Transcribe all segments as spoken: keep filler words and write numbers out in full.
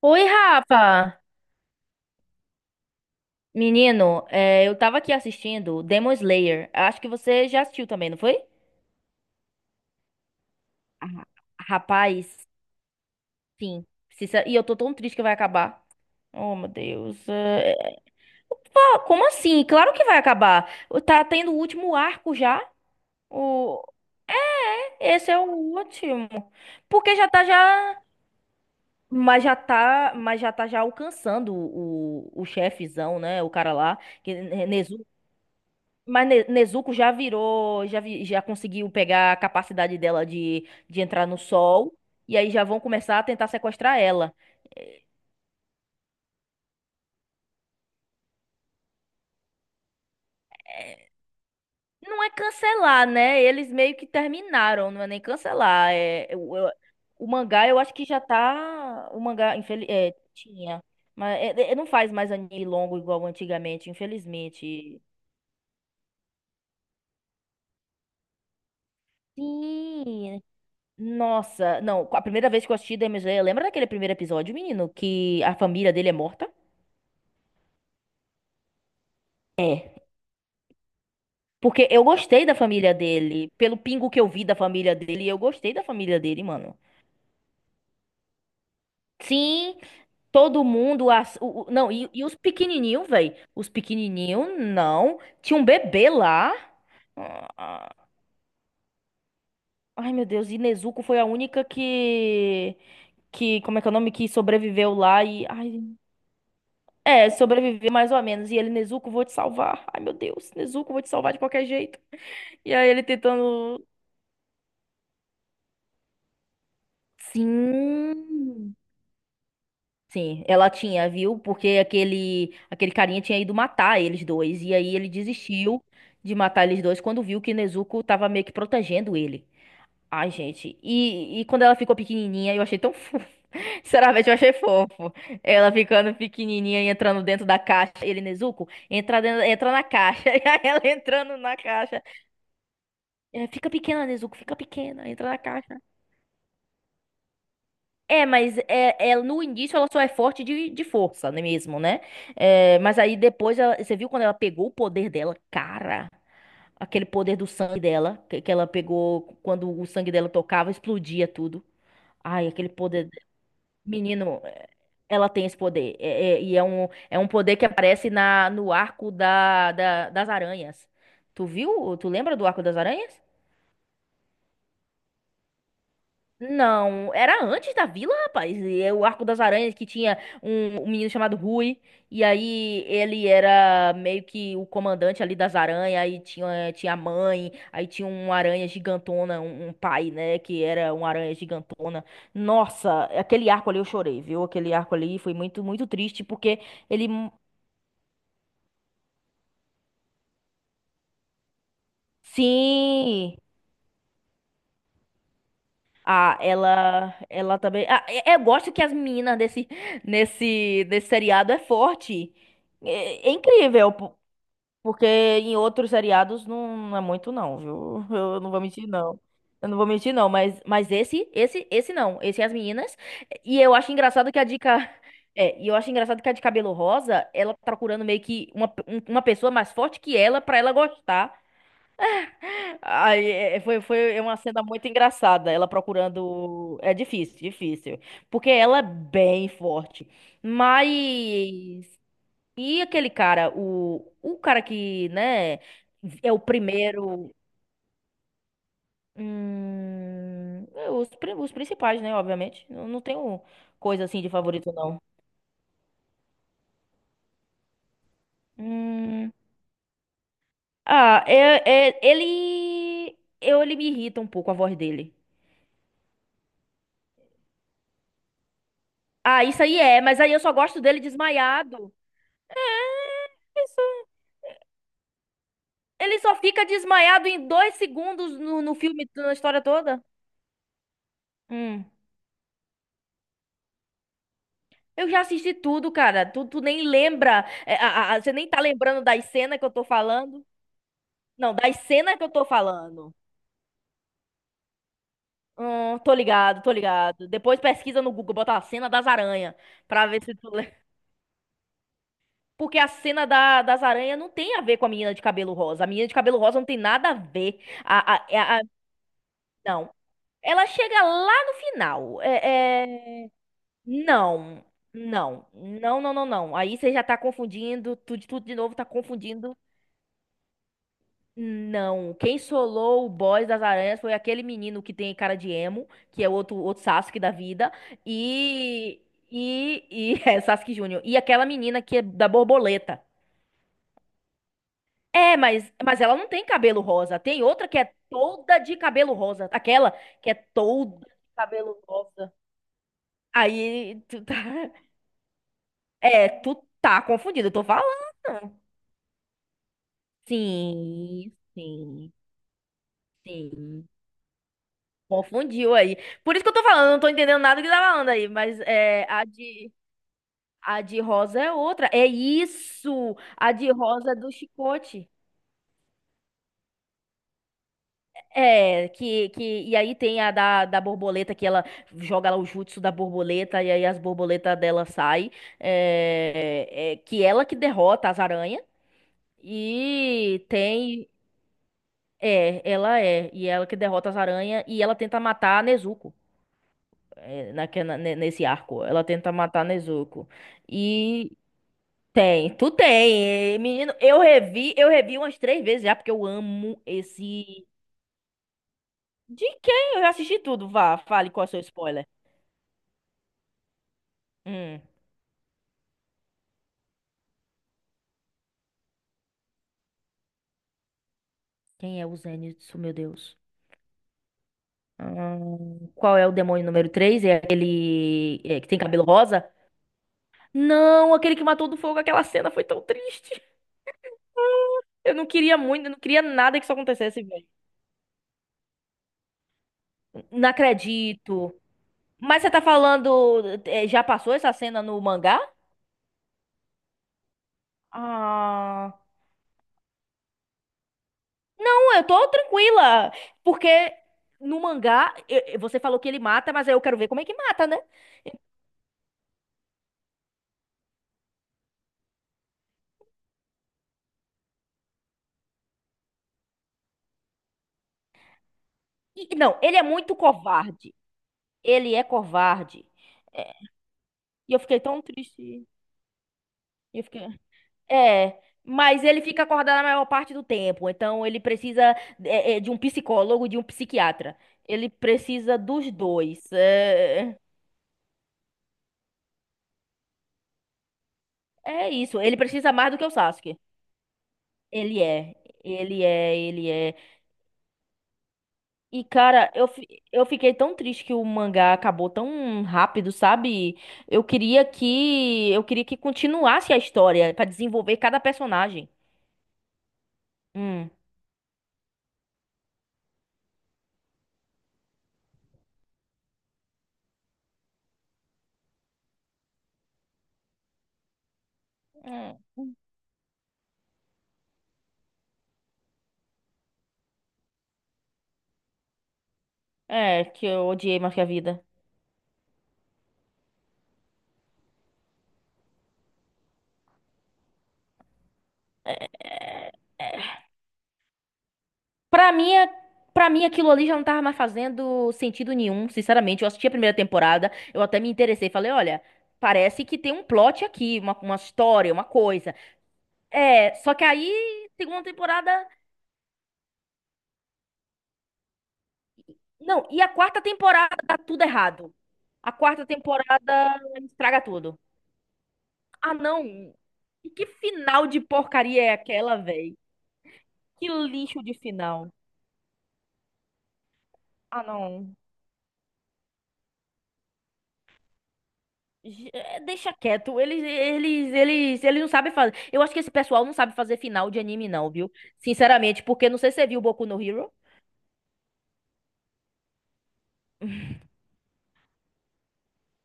Oi, Rafa! Menino, é, eu tava aqui assistindo Demon Slayer. Acho que você já assistiu também, não foi? Ah, Rapaz, sim. Sincer- E eu tô tão triste que vai acabar. Oh, meu Deus. É, pá. Como assim? Claro que vai acabar. Tá tendo o último arco já. O... Esse é o último. Porque já tá já. Mas já tá, mas já tá já alcançando o, o chefezão, né? O cara lá, que... Mas Ne- Nezuko já virou, já, vi- já conseguiu pegar a capacidade dela de, de entrar no sol. E aí já vão começar a tentar sequestrar ela. Não é cancelar, né? Eles meio que terminaram, não é nem cancelar. É, eu- eu- o mangá eu acho que já tá. O mangá, infeliz, é, tinha. Mas é- é- não faz mais anime longo igual antigamente, infelizmente. Sim. Nossa, não, a primeira vez que eu assisti Demon Slayer, lembra daquele primeiro episódio, menino, que a família dele é morta? Porque eu gostei da família dele. Pelo pingo que eu vi da família dele, eu gostei da família dele, mano. Sim, todo mundo. As- o- o- não, e, e os pequenininhos, velho? Os pequenininhos, não. Tinha um bebê lá. Ah, ai, meu Deus, e Nezuko foi a única que. Que, como é que é o nome? Que sobreviveu lá e. Ai, é, sobreviveu mais ou menos. E ele, Nezuko, vou te salvar. Ai, meu Deus, Nezuko, vou te salvar de qualquer jeito. E aí ele tentando. Sim. Sim, ela tinha, viu? Porque aquele aquele carinha tinha ido matar eles dois. E aí ele desistiu de matar eles dois quando viu que Nezuko tava meio que protegendo ele. Ai, gente. E, e quando ela ficou pequenininha, eu achei tão fofo. Sinceramente, eu achei fofo. Ela ficando pequenininha e entrando dentro da caixa. Ele, Nezuko, entra, dentro, entra na caixa. E aí ela entrando na caixa. É, fica pequena, Nezuko, fica pequena. Entra na caixa. É, mas é, é- no início ela só é forte de, de força, né mesmo, né? É, mas aí depois, ela- você viu quando ela pegou o poder dela? Cara, aquele poder do sangue dela, que, que ela pegou quando o sangue dela tocava, explodia tudo. Ai, aquele poder. Menino, é, ela tem esse poder. É- é- e é um, é um poder que aparece na, no arco da, da- das aranhas. Tu viu? Tu lembra do arco das aranhas? Não, era antes da vila, rapaz. E é O Arco das Aranhas que tinha um, um menino chamado Rui. E aí ele era meio que o comandante ali das aranhas. Aí tinha, tinha a mãe. Aí tinha uma aranha gigantona, um, um pai, né? Que era uma aranha gigantona. Nossa, aquele arco ali eu chorei, viu? Aquele arco ali foi muito, muito triste porque ele. Sim. Ah, ela, ela também. Ah, eu eu gosto que as meninas desse, nesse, nesse seriado é forte. É, é incrível, po- porque em outros seriados não, não, é muito não, viu? Eu não vou mentir não. Eu não vou mentir não, mas, mas esse, esse, esse não. Esse é as meninas. E eu acho engraçado que a dica é, e eu acho engraçado que a de cabelo rosa, ela tá procurando meio que uma, um- uma pessoa mais forte que ela pra ela gostar. Aí é, é, foi, foi uma cena muito engraçada, ela procurando. É difícil, difícil. Porque ela é bem forte. Mas. E aquele cara, o, o cara que, né, é o primeiro. Hum, é, os, pri- os principais, né, obviamente. Não, não tenho coisa assim de favorito, não. Hum, ah, é, é- ele. Eu, ele me irrita um pouco a voz dele. Ah, isso aí é, mas aí eu só gosto dele desmaiado. É isso. Ele só fica desmaiado em dois segundos no, no filme, na história toda. Hum. Eu já assisti tudo, cara. Tu, tu nem lembra. é, a- a- você nem tá lembrando das cenas que eu tô falando. Não, das cenas que eu tô falando. Hum, tô ligado, tô ligado. Depois pesquisa no Google, bota a cena das aranhas pra ver se tu lembra. Porque a cena da- das aranhas não tem a ver com a menina de cabelo rosa. A menina de cabelo rosa não tem nada a ver. A, a, a- a- não. Ela chega lá no final. É, é, Não, não, não, não, não, não. Aí você já tá confundindo, tudo, tudo de novo tá confundindo. Não, quem solou o boss das aranhas foi aquele menino que tem cara de emo, que é outro, outro Sasuke da vida, e, e, e é Sasuke Júnior, e aquela menina que é da borboleta. É, mas, mas ela não tem cabelo rosa, tem outra que é toda de cabelo rosa, aquela que é toda de cabelo rosa. Aí, tu tá... É, tu tá confundido, eu tô falando. Sim, sim, sim. Confundiu aí. Por isso que eu tô falando, eu não tô entendendo nada do que tá falando aí, mas é, a de, a de rosa é outra. É isso! A de rosa é do chicote. É, que, que, e aí tem a da, da borboleta, que ela joga lá o jutsu da borboleta, e aí as borboletas dela saem. É, é, que ela que derrota as aranhas. E tem. É, ela é. E ela que derrota as aranhas. E ela tenta matar a Nezuko. é, naque- na- ne- nesse arco. Ela tenta matar Nezuko. E tem, tu tem. eh, Menino, eu revi, eu revi umas três vezes já, porque eu amo esse. De quem? Eu já assisti tudo. Vá, fale qual é o seu spoiler. Hum, Quem é o Zenitsu, meu Deus? Hum, qual é o demônio número três? É aquele, é, que tem cabelo rosa? Não, aquele que matou do fogo. Aquela cena foi tão triste. Eu não queria muito, eu não queria nada que isso acontecesse, velho. Não acredito. Mas você tá falando, eh, já passou essa cena no mangá? Ah, não, eu tô tranquila, porque no mangá eh, eh, você falou que ele mata, mas aí eu quero ver como é que mata, né? E- não, ele é muito covarde. Ele é covarde. É, e eu fiquei tão triste. Eu fiquei... É, mas ele fica acordado a maior parte do tempo, então ele precisa eh, eh, de um psicólogo e de um psiquiatra. Ele precisa dos dois. É, é isso, ele precisa mais do que o Sasuke. Ele é, ele é, ele é. E cara, eu, fi- eu fiquei tão triste que o mangá acabou tão rápido, sabe? Eu queria que eu queria que continuasse a história pra desenvolver cada personagem. Hum. Hum. É, que eu odiei mais que a vida. É, pra mim, é- pra mim aquilo ali já não tava mais fazendo sentido nenhum, sinceramente. Eu assisti a primeira temporada, eu até me interessei, falei, olha, parece que tem um plot aqui, uma, uma história, uma coisa. É, só que aí, segunda temporada. Não, e a quarta temporada dá tudo errado. A quarta temporada estraga tudo. Ah, não. E que final de porcaria é aquela, véi? Que lixo de final. Ah, não. Ge- é, Deixa quieto. Eles, eles, eles, eles não sabem fazer. Eu acho que esse pessoal não sabe fazer final de anime, não, viu? Sinceramente, porque não sei se você viu Boku no Hero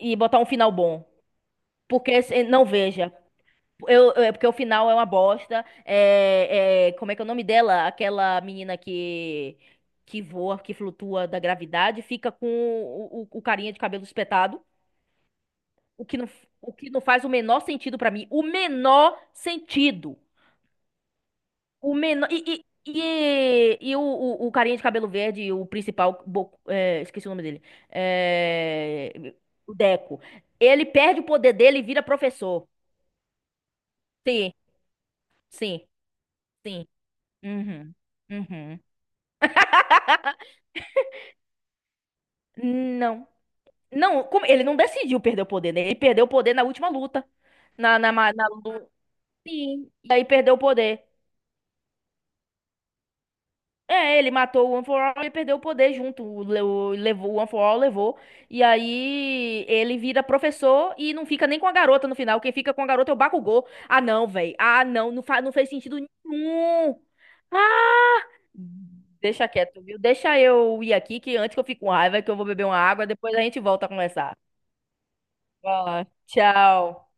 e botar um final bom. Porque se- não veja. Eu, é porque o final é uma bosta. É, é, como é que é o nome dela? Aquela menina que que voa, que flutua da gravidade, fica com o, o- o carinha de cabelo espetado, o que não, o que não, faz o menor sentido pra mim. O menor sentido. O menor e, e, e, e o, o, o carinha de cabelo verde, o principal, Bo- é, esqueci o nome dele. É, o Deco. Ele perde o poder dele e vira professor. Sim, sim, sim. Uhum. Uhum. Não. Não, como- ele não decidiu perder o poder, né? Ele perdeu o poder na última luta. Na, na, ma- na, lu- Sim. E aí perdeu o poder. É, ele matou o One For All e perdeu o poder junto. O, le- o- levou, o One For All levou. E aí ele vira professor e não fica nem com a garota no final. Quem fica com a garota é o Bakugou. Ah, não, velho. Ah, não. Não, fa não fez sentido nenhum. Ah, deixa quieto, viu? Deixa eu ir aqui, que antes que eu fique com raiva, é que eu vou beber uma água, depois a gente volta a conversar. Vai lá. Tchau.